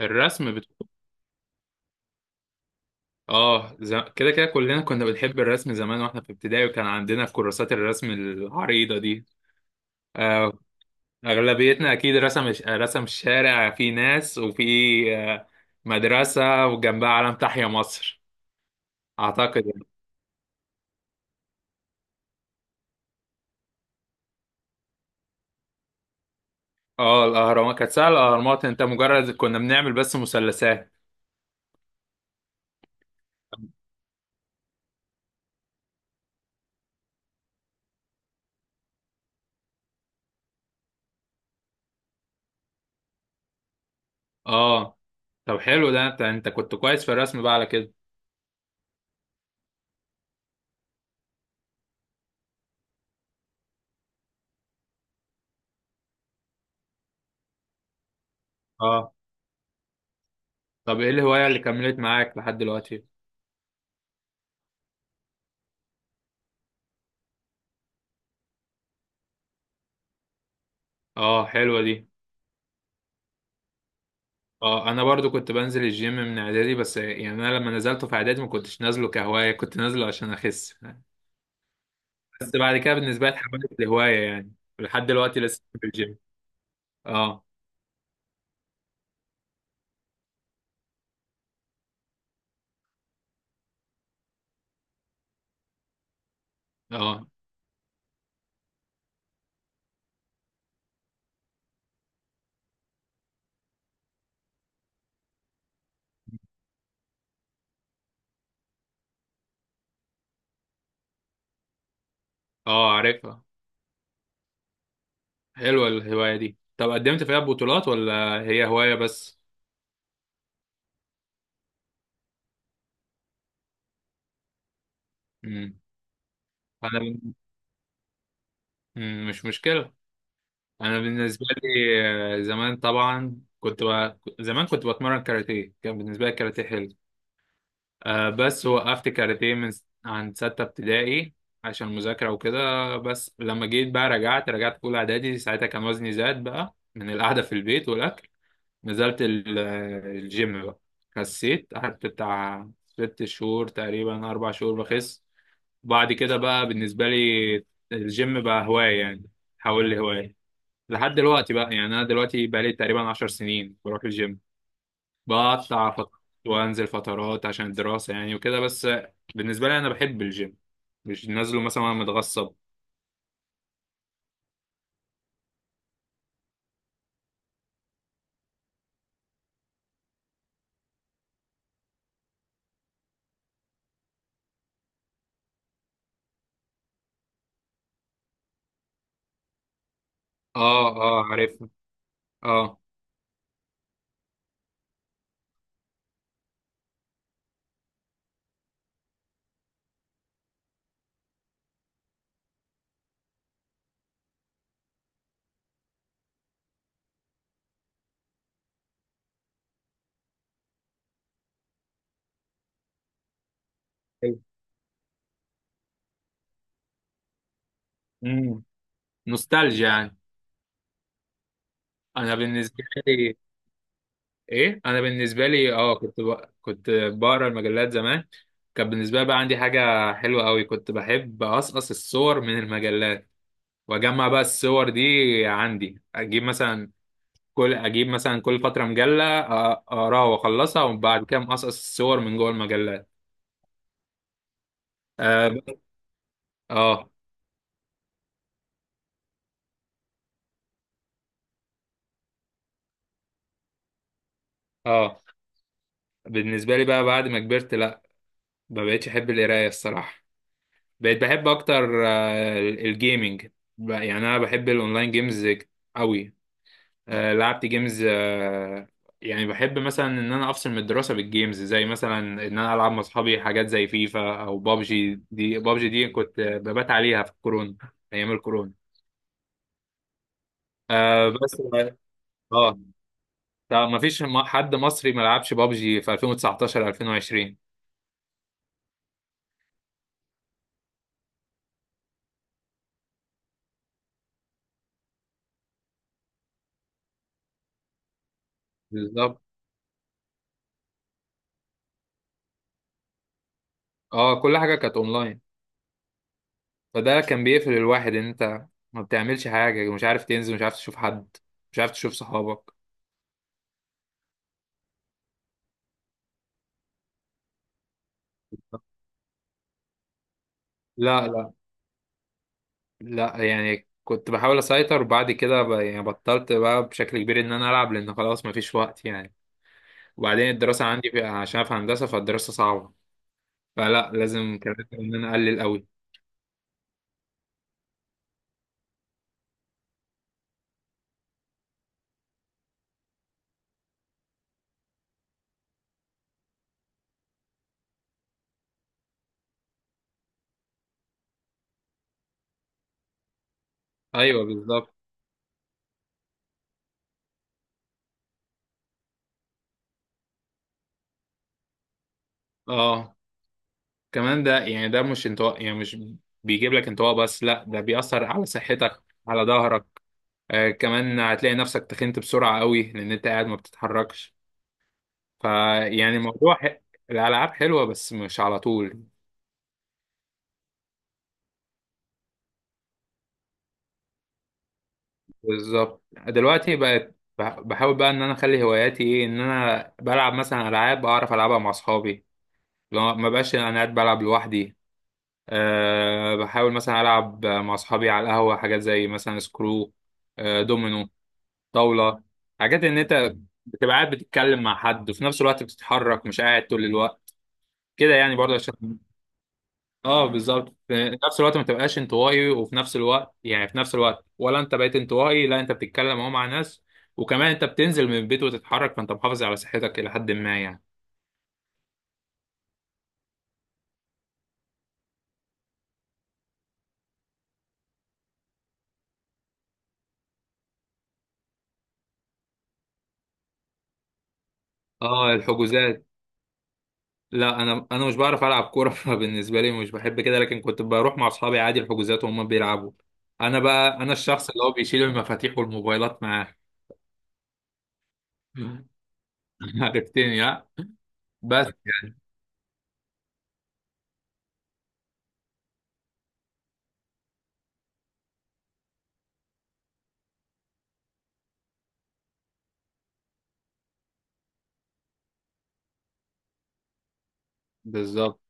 الرسم بت... كده كده كلنا كنا بنحب الرسم زمان واحنا في ابتدائي، وكان عندنا كراسات الرسم العريضة دي. آه، اغلبيتنا اكيد رسم الشارع، في ناس وفي آه مدرسة وجنبها علم تحيا مصر، اعتقد يعني. اه، الاهرامات كانت سهلة. الاهرامات انت مجرد كنا بنعمل بس مثلثات. اه، طب حلو ده، انت كنت كويس في الرسم بقى على كده. اه، طب ايه الهواية اللي كملت معاك لحد دلوقتي؟ اه، حلوة دي. اه، انا برضو كنت بنزل الجيم من اعدادي، بس يعني انا لما نزلته في اعدادي ما كنتش نازله كهوايه، كنت نازله عشان اخس. بس بعد كده بالنسبه لي اتحولت لهوايه يعني، لحد دلوقتي لسه في الجيم. اه اه، اه عارفها. حلوه الهوايه دي، طب قدمت فيها بطولات ولا هي هوايه بس؟ امم، انا بن- مم. مش مشكله. انا بالنسبه لي زمان طبعا زمان كنت بتمرن كاراتيه، كان بالنسبه لي الكاراتيه حلو. آه بس وقفت كاراتيه عند ستة ابتدائي، عشان مذاكرة وكده. بس لما جيت بقى رجعت في أولى إعدادي، ساعتها كان وزني زاد بقى من القعدة في البيت والأكل. نزلت ال- الجيم بقى، خسيت، قعدت بتاع 6 شهور تقريبا، 4 شهور بخس. بعد كده بقى بالنسبة لي الجيم بقى هواية يعني، حول لي هواية. لحد دلوقتي بقى يعني، أنا دلوقتي بقى لي تقريبا 10 سنين بروح الجيم، بقطع فترات وانزل فترات عشان الدراسة يعني وكده بس. بالنسبة لي انا بحب الجيم، مش نازله مثلا وانا متغصب. اه، اه عارف. اه، أيوة. امم، نوستالجيا يعني. انا بالنسبة لي ايه، انا بالنسبة لي اه كنت بقرا المجلات زمان. كان بالنسبة لي بقى عندي حاجة حلوة قوي، كنت بحب أقصقص الصور من المجلات وأجمع بقى الصور دي عندي. أجيب مثلا كل، اجيب مثلا كل فتره مجله، اقراها واخلصها، وبعد كده مقصقص الصور من جوه المجلات. اه. اه. آه. بالنسبه لي بقى بعد ما كبرت لا، ما بقتش احب القرايه الصراحه. بقيت بحب اكتر الجيمنج. يعني انا بحب الاونلاين جيمز قوي. لعبت جيمز، يعني بحب مثلا ان انا افصل من الدراسه بالجيمز، زي مثلا ان انا العب مع اصحابي حاجات زي فيفا او بابجي. دي بابجي دي كنت ببات عليها في الكورونا، ايام الكورونا. آه بس. اه، طب ما فيش حد مصري ما لعبش بابجي في 2019 2020. بالظبط. اه، كل حاجه كانت اونلاين. فده كان بيقفل الواحد، ان انت ما بتعملش حاجه، مش عارف تنزل، مش عارف تشوف حد، مش عارف تشوف صحابك. لا لا لا، يعني كنت بحاول اسيطر، وبعد كده يعني بطلت بقى بشكل كبير ان انا العب، لان خلاص ما فيش وقت يعني. وبعدين الدراسه عندي عشان في هندسه، فالدراسه صعبه. فلا، لازم، كان لازم ان انا اقلل قوي. ايوه بالظبط. اه، كمان ده يعني ده مش انطواء، يعني مش بيجيب لك انطواء بس، لا ده بيأثر على صحتك، على ظهرك. آه، كمان هتلاقي نفسك تخنت بسرعة قوي لأن أنت قاعد ما بتتحركش. فيعني الموضوع ح... الألعاب حلوة بس مش على طول. بالظبط، دلوقتي بقت بحاول بقى إن أنا أخلي هواياتي إيه، إن أنا بلعب مثلا ألعاب أعرف ألعبها مع أصحابي، لو ما بقاش أنا قاعد بلعب لوحدي. أه، بحاول مثلا ألعب مع أصحابي على القهوة، حاجات زي مثلا سكرو، دومينو، طاولة. حاجات ان انت بتبقى قاعد بتتكلم مع حد وفي نفس الوقت بتتحرك، مش قاعد طول الوقت، كده يعني برضه عشان، اه بالظبط، في نفس الوقت ما تبقاش انطوائي، وفي نفس الوقت يعني في نفس الوقت، ولا انت بقيت انطوائي، لا انت بتتكلم اهو مع ناس، وكمان انت بتنزل من البيت وتتحرك، فانت محافظ على صحتك الى حد ما يعني. اه، الحجوزات. لا، انا مش بعرف العب كوره فبالنسبه لي مش بحب كده، لكن كنت بروح مع اصحابي عادي الحجوزات وهم بيلعبوا. انا بقى، انا الشخص اللي هو بيشيل المفاتيح والموبايلات معاه. عرفتني ها. بس. بالظبط.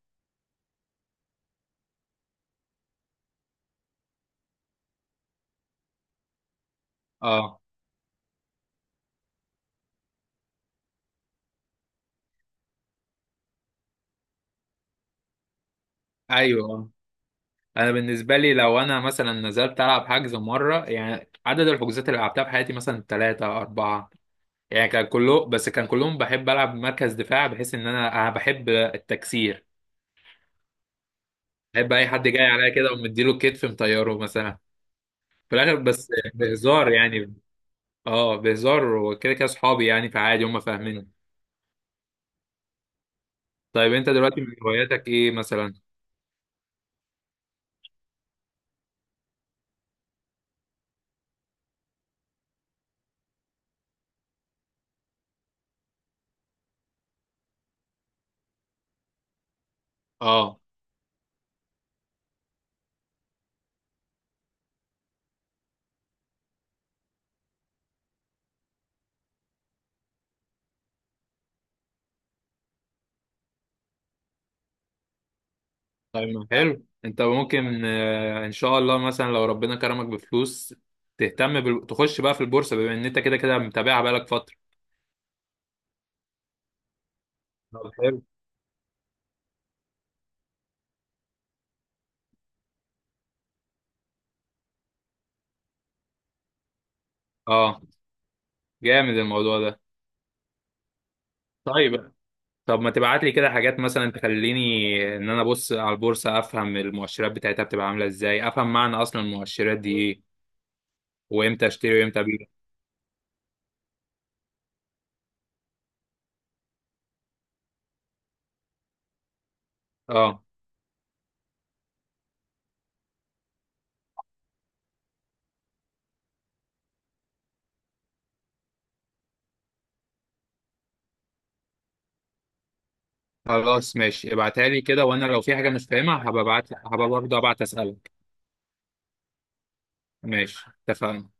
اه. ايوه، انا بالنسبه لي لو انا مثلا نزلت العب حجز مره يعني، عدد الحجوزات اللي لعبتها في حياتي مثلا ثلاثه اربعه يعني، كان كله، بس كان كلهم بحب العب مركز دفاع، بحيث ان انا، انا بحب التكسير. بحب اي حد جاي عليا كده ومديله كتف مطيره مثلا. في الاخر بس بهزار يعني. اه بهزار، وكده كده اصحابي يعني، فعادي هم فاهمين. طيب، انت دلوقتي من هواياتك ايه مثلا؟ اه. طيب ما حلو، انت ممكن ان شاء الله مثلا لو ربنا كرمك بفلوس، تخش بقى في البورصه، بما ان انت كده كده متابعها بقالك فتره. طب حلو. اه، جامد الموضوع ده. طيب. طب ما تبعت لي كده حاجات مثلا تخليني ان انا ابص على البورصه، افهم المؤشرات بتاعتها بتبقى عامله ازاي، افهم معنى اصلا المؤشرات دي ايه، وامتى اشتري وامتى ابيع. اه، خلاص ماشي. ابعتها لي كده، وانا لو في حاجه مش فاهمها هبقى ابعت، هبقى برضه ابعت اسالك. ماشي اتفقنا.